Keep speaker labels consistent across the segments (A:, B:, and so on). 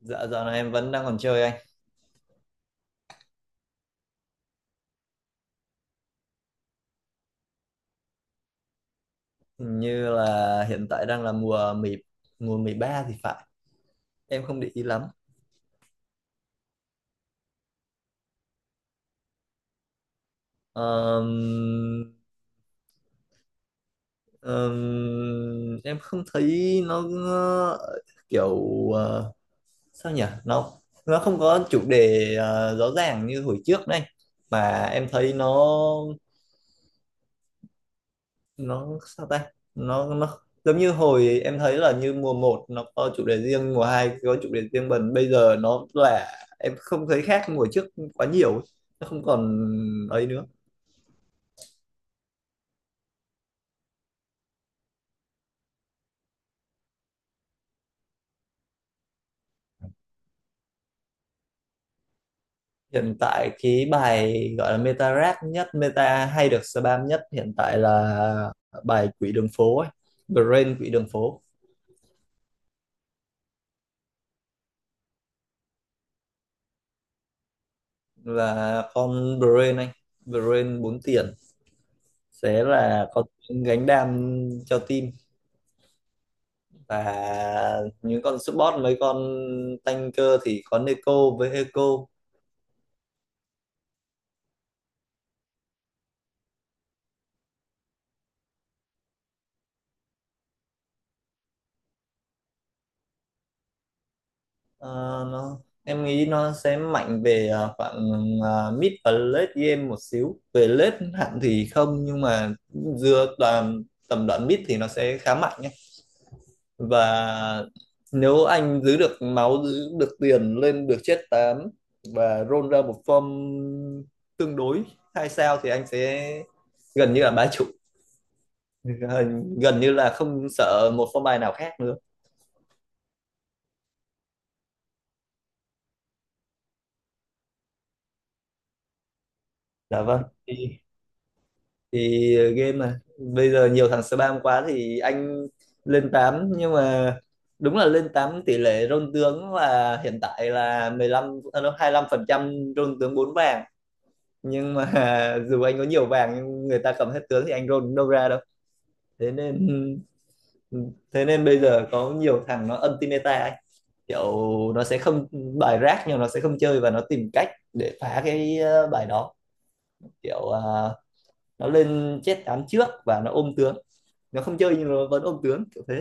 A: Dạ, dạo này em vẫn đang còn chơi anh. Hình như là hiện tại đang là mùa 10, mùa 13 thì phải, em không để ý lắm. Ờm, em không thấy nó kiểu ờ, sao nhỉ, nó không có chủ đề rõ ràng như hồi trước này, mà em thấy nó sao ta, nó giống như hồi em thấy là như mùa một nó có chủ đề riêng, mùa 2 có chủ đề riêng, bần bây giờ nó là em không thấy khác mùa trước quá nhiều, nó không còn ấy nữa. Hiện tại cái bài gọi là meta rap nhất, meta hay được spam nhất hiện tại là bài quỷ đường phố ấy, Brain quỷ đường phố. Là con Brain anh, Brain bốn tiền sẽ là con gánh đam cho team, và những con support mấy con tanker thì có Neko với Eco. Ờ, nó em nghĩ nó sẽ mạnh về khoảng mid và late game một xíu, về late hẳn thì không, nhưng mà dựa toàn tầm đoạn mid thì nó sẽ khá mạnh nhé. Và nếu anh giữ được máu, giữ được tiền, lên được chết 8 và roll ra một form tương đối hai sao thì anh sẽ gần như là bá chủ, gần gần như là không sợ một phong bài nào khác nữa. Dạ vâng, thì game mà bây giờ nhiều thằng spam quá thì anh lên tám, nhưng mà đúng là lên 8 tỷ lệ rôn tướng là hiện tại là 15, 25% rôn tướng 4 vàng, nhưng mà dù anh có nhiều vàng nhưng người ta cầm hết tướng thì anh rôn cũng đâu ra đâu. Thế nên, thế nên bây giờ có nhiều thằng nó anti meta ấy, kiểu nó sẽ không bài rác nhưng nó sẽ không chơi và nó tìm cách để phá cái bài đó, kiểu à, nó lên chết án trước và nó ôm tướng, nó không chơi nhưng nó vẫn ôm tướng kiểu thế.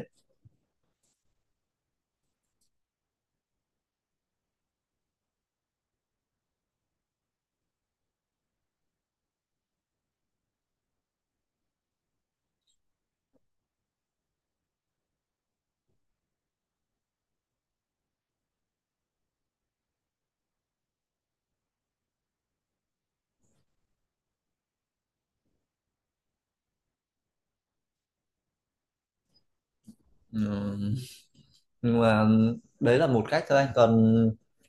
A: Ừ, nhưng mà ừ, đấy là một cách thôi anh, còn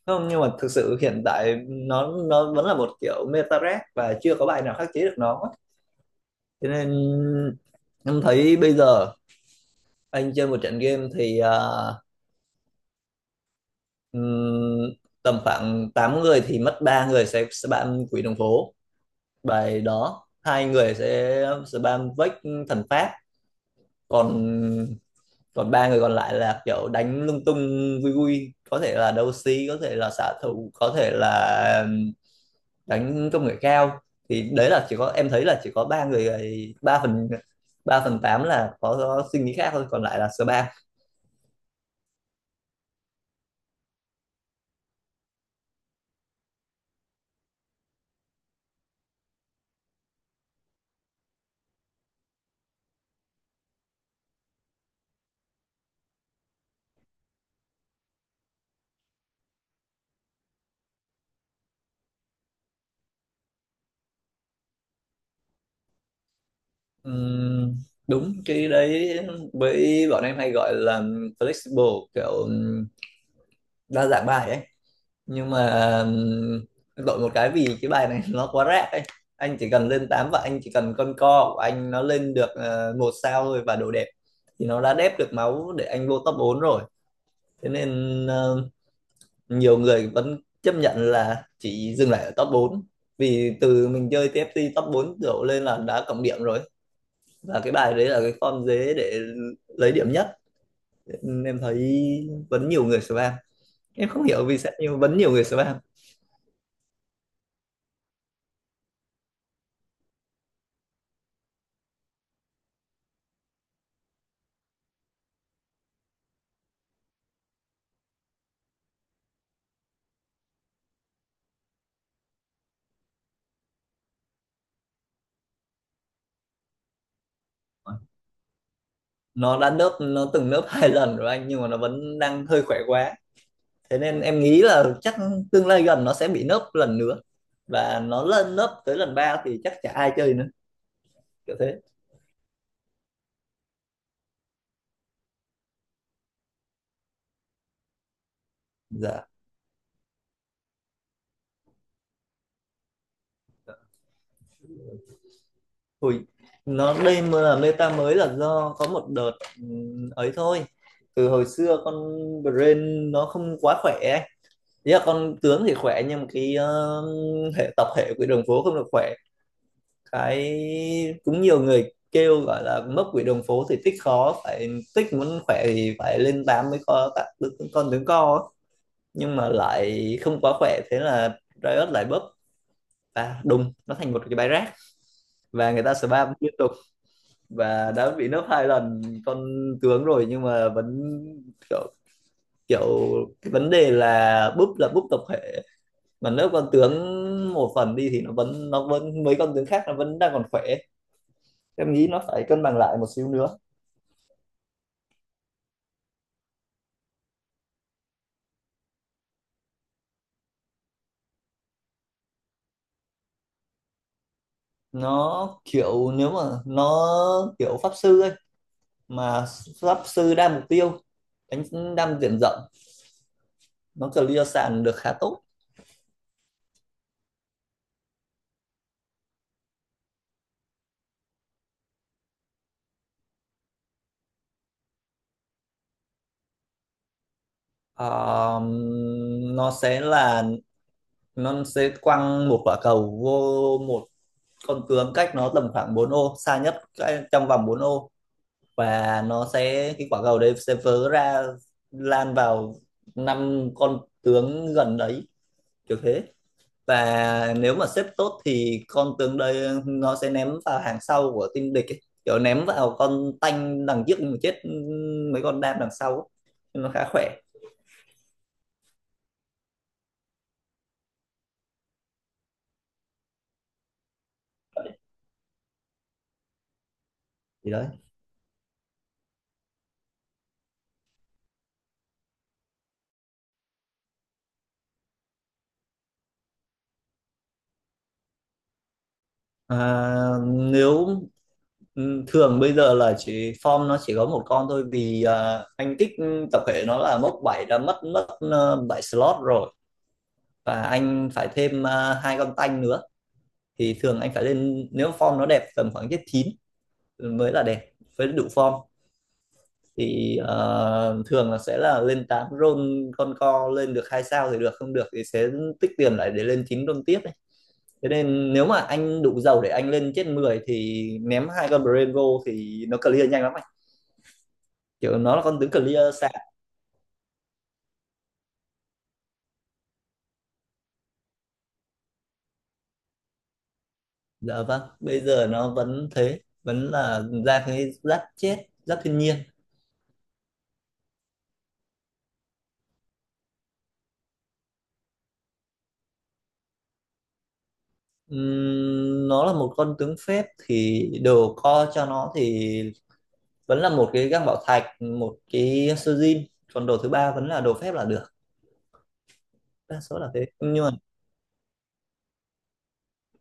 A: không, nhưng mà thực sự hiện tại nó vẫn là một kiểu meta rác và chưa có bài nào khắc chế được nó, cho nên em thấy bây giờ anh chơi một trận game thì ừm, tầm khoảng 8 người thì mất ba người sẽ bạn quỷ đường phố bài đó, hai người sẽ spam vách thần pháp, còn còn ba người còn lại là kiểu đánh lung tung, vui vui, có thể là đấu sĩ, có thể là xạ thủ, có thể là đánh công nghệ cao. Thì đấy là chỉ có em thấy là chỉ có ba người, ba phần, ba phần tám là có suy nghĩ khác thôi, còn lại là spam. Ừm, đúng cái đấy với bọn em hay gọi là flexible, kiểu đa dạng bài ấy, nhưng mà đổi một cái vì cái bài này nó quá rác ấy, anh chỉ cần lên 8 và anh chỉ cần con co của anh nó lên được một sao thôi và độ đẹp thì nó đã đép được máu để anh vô top 4 rồi. Thế nên nhiều người vẫn chấp nhận là chỉ dừng lại ở top bốn, vì từ mình chơi TFT top 4 đổ lên là đã cộng điểm rồi, và cái bài đấy là cái form dế để lấy điểm nhất, nên em thấy vẫn nhiều người spam, em không hiểu vì sao nhưng vẫn nhiều người spam. Nó đã nớp, nó từng nớp hai lần rồi anh, nhưng mà nó vẫn đang hơi khỏe quá, thế nên em nghĩ là chắc tương lai gần nó sẽ bị nớp lần nữa, và nó lên nớp tới lần ba thì chắc chả ai chơi nữa, kiểu thế. Dạ. Ui, nó đây mà là meta mới là do có một đợt ấy thôi, từ hồi xưa con brain nó không quá khỏe ấy, ý là con tướng thì khỏe nhưng mà cái hệ tập hệ của đường phố không được khỏe, cái cũng nhiều người kêu gọi là mấp quỷ đường phố thì tích khó phải, tích muốn khỏe thì phải lên 8 mới có tác con tướng co á. Nhưng mà lại không quá khỏe, thế là Riot lại bấp và đùng nó thành một cái bãi rác và người ta spam liên tục, và đã bị nấp hai lần con tướng rồi, nhưng mà vẫn kiểu, kiểu cái vấn đề là búp, là búp tập thể mà, nếu con tướng một phần đi thì nó vẫn mấy con tướng khác nó vẫn đang còn khỏe, em nghĩ nó phải cân bằng lại một xíu nữa. Nó kiểu, nếu mà nó kiểu pháp sư ấy, mà pháp sư đa mục tiêu, đánh đam diện rộng, nó clear sàn được khá tốt. Ờ, nó sẽ là, nó sẽ quăng một quả cầu vô một con tướng cách nó tầm khoảng 4 ô xa nhất, cái- trong vòng 4 ô, và nó sẽ cái quả cầu đấy sẽ vớ ra, lan vào năm con tướng gần đấy, kiểu thế. Và nếu mà xếp tốt thì con tướng đây nó sẽ ném vào hàng sau của team địch ấy, kiểu ném vào con tanh đằng trước mà chết mấy con đam đằng sau ấy. Nhưng nó khá khỏe. Thì đấy, à, nếu thường bây giờ là chỉ form nó chỉ có một con thôi, vì anh kích tập thể nó là mốc 7 đã mất mất 7 slot rồi và anh phải thêm hai con tanh nữa, thì thường anh phải lên nếu form nó đẹp tầm khoảng chết 9 mới là đẹp với đủ form, thì thường là sẽ là lên 8 roll con co lên được hai sao thì được, không được thì sẽ tích tiền lại để lên 9 roll tiếp ấy. Thế nên nếu mà anh đủ giàu để anh lên chết 10 thì ném hai con Brain vô thì nó clear nhanh lắm anh. Kiểu nó là con tướng clear sạc. Dạ vâng, bây giờ nó vẫn thế, vẫn là ra cái giáp chết, giáp thiên nhiên. Nó là một con tướng phép thì đồ co cho nó thì vẫn là một cái găng bảo thạch, một cái sơ jin, còn đồ thứ ba vẫn là đồ phép là được. Đa số là thế nhưng mà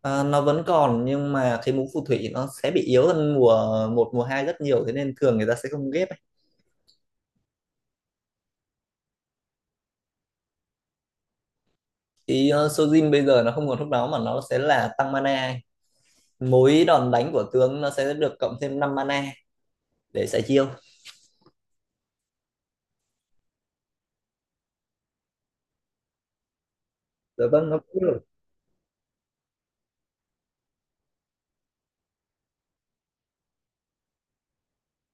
A: nó vẫn còn, nhưng mà cái mũ phù thủy nó sẽ bị yếu hơn mùa một mùa hai rất nhiều, thế nên thường người ta sẽ không ghép ấy. Thì Sojin bây giờ nó không còn lúc đó mà nó sẽ là tăng mana ấy, mỗi đòn đánh của tướng nó sẽ được cộng thêm năm mana để xài chiêu. Dạ vâng nó cũng được.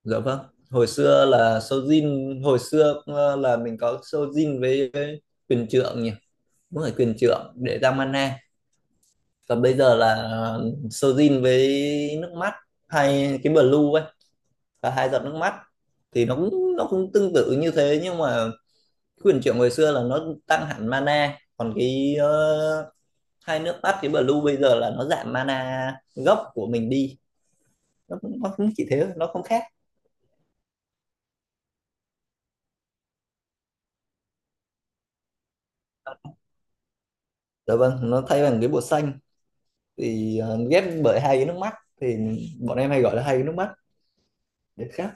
A: Dạ vâng, hồi xưa là Sojin, hồi xưa là mình có Sojin với quyền trượng nhỉ, đúng rồi, quyền trượng để tăng mana, còn bây giờ là Sojin với nước mắt hay cái blue ấy, và hai giọt nước mắt, thì nó cũng tương tự như thế, nhưng mà quyền trượng hồi xưa là nó tăng hẳn mana, còn cái hai nước mắt cái blue bây giờ là nó giảm mana gốc của mình đi, nó cũng chỉ thế, nó không khác. Dạ vâng, nó thay bằng cái bột xanh thì ghép bởi hai cái nước mắt, thì bọn em hay gọi là hai cái nước mắt để khác.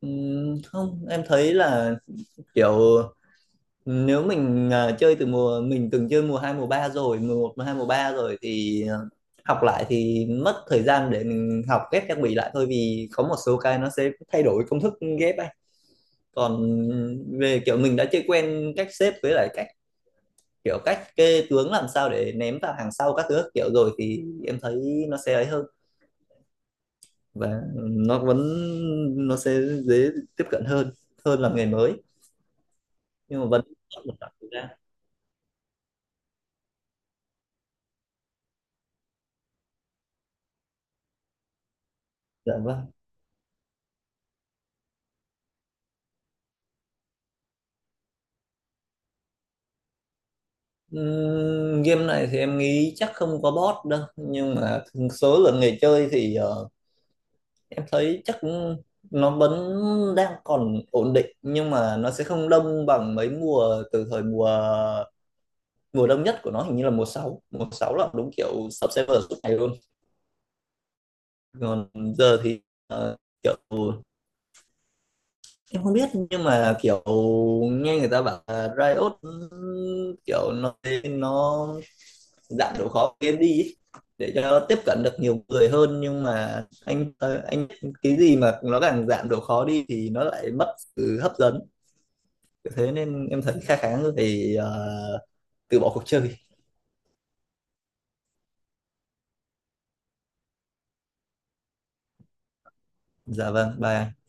A: Không em thấy là kiểu nếu mình chơi từ mùa, mình từng chơi mùa 2 mùa 3 rồi, mùa một mùa 2 mùa 3 rồi, thì học lại thì mất thời gian để mình học ghép trang bị lại thôi, vì có một số cái nó sẽ thay đổi công thức ghép ấy, còn về kiểu mình đã chơi quen cách xếp, với lại cách kiểu cách kê tướng làm sao để ném vào hàng sau các thứ các kiểu rồi, thì em thấy nó sẽ ấy hơn, và nó vẫn, nó sẽ dễ tiếp cận hơn hơn là nghề mới. Nhưng mà vẫn mất một khoảng thời gian. Dạ vâng. Game này thì em nghĩ chắc không có bot đâu, nhưng mà số lượng người chơi thì em thấy chắc nó vẫn đang còn ổn định, nhưng mà nó sẽ không đông bằng mấy mùa từ thời mùa, mùa đông nhất của nó hình như là mùa sáu, mùa 6 là đúng kiểu sub server suốt ngày luôn. Còn giờ thì ờ, kiểu em không biết, nhưng mà kiểu nghe người ta bảo là Riot kiểu nó dạng độ khó của game đi ấy, để cho tiếp cận được nhiều người hơn, nhưng mà anh anh cái gì mà nó càng giảm độ khó đi thì nó lại mất sự hấp dẫn, thế nên em thấy khá, khá người phải từ bỏ cuộc chơi. Dạ vâng, bye anh.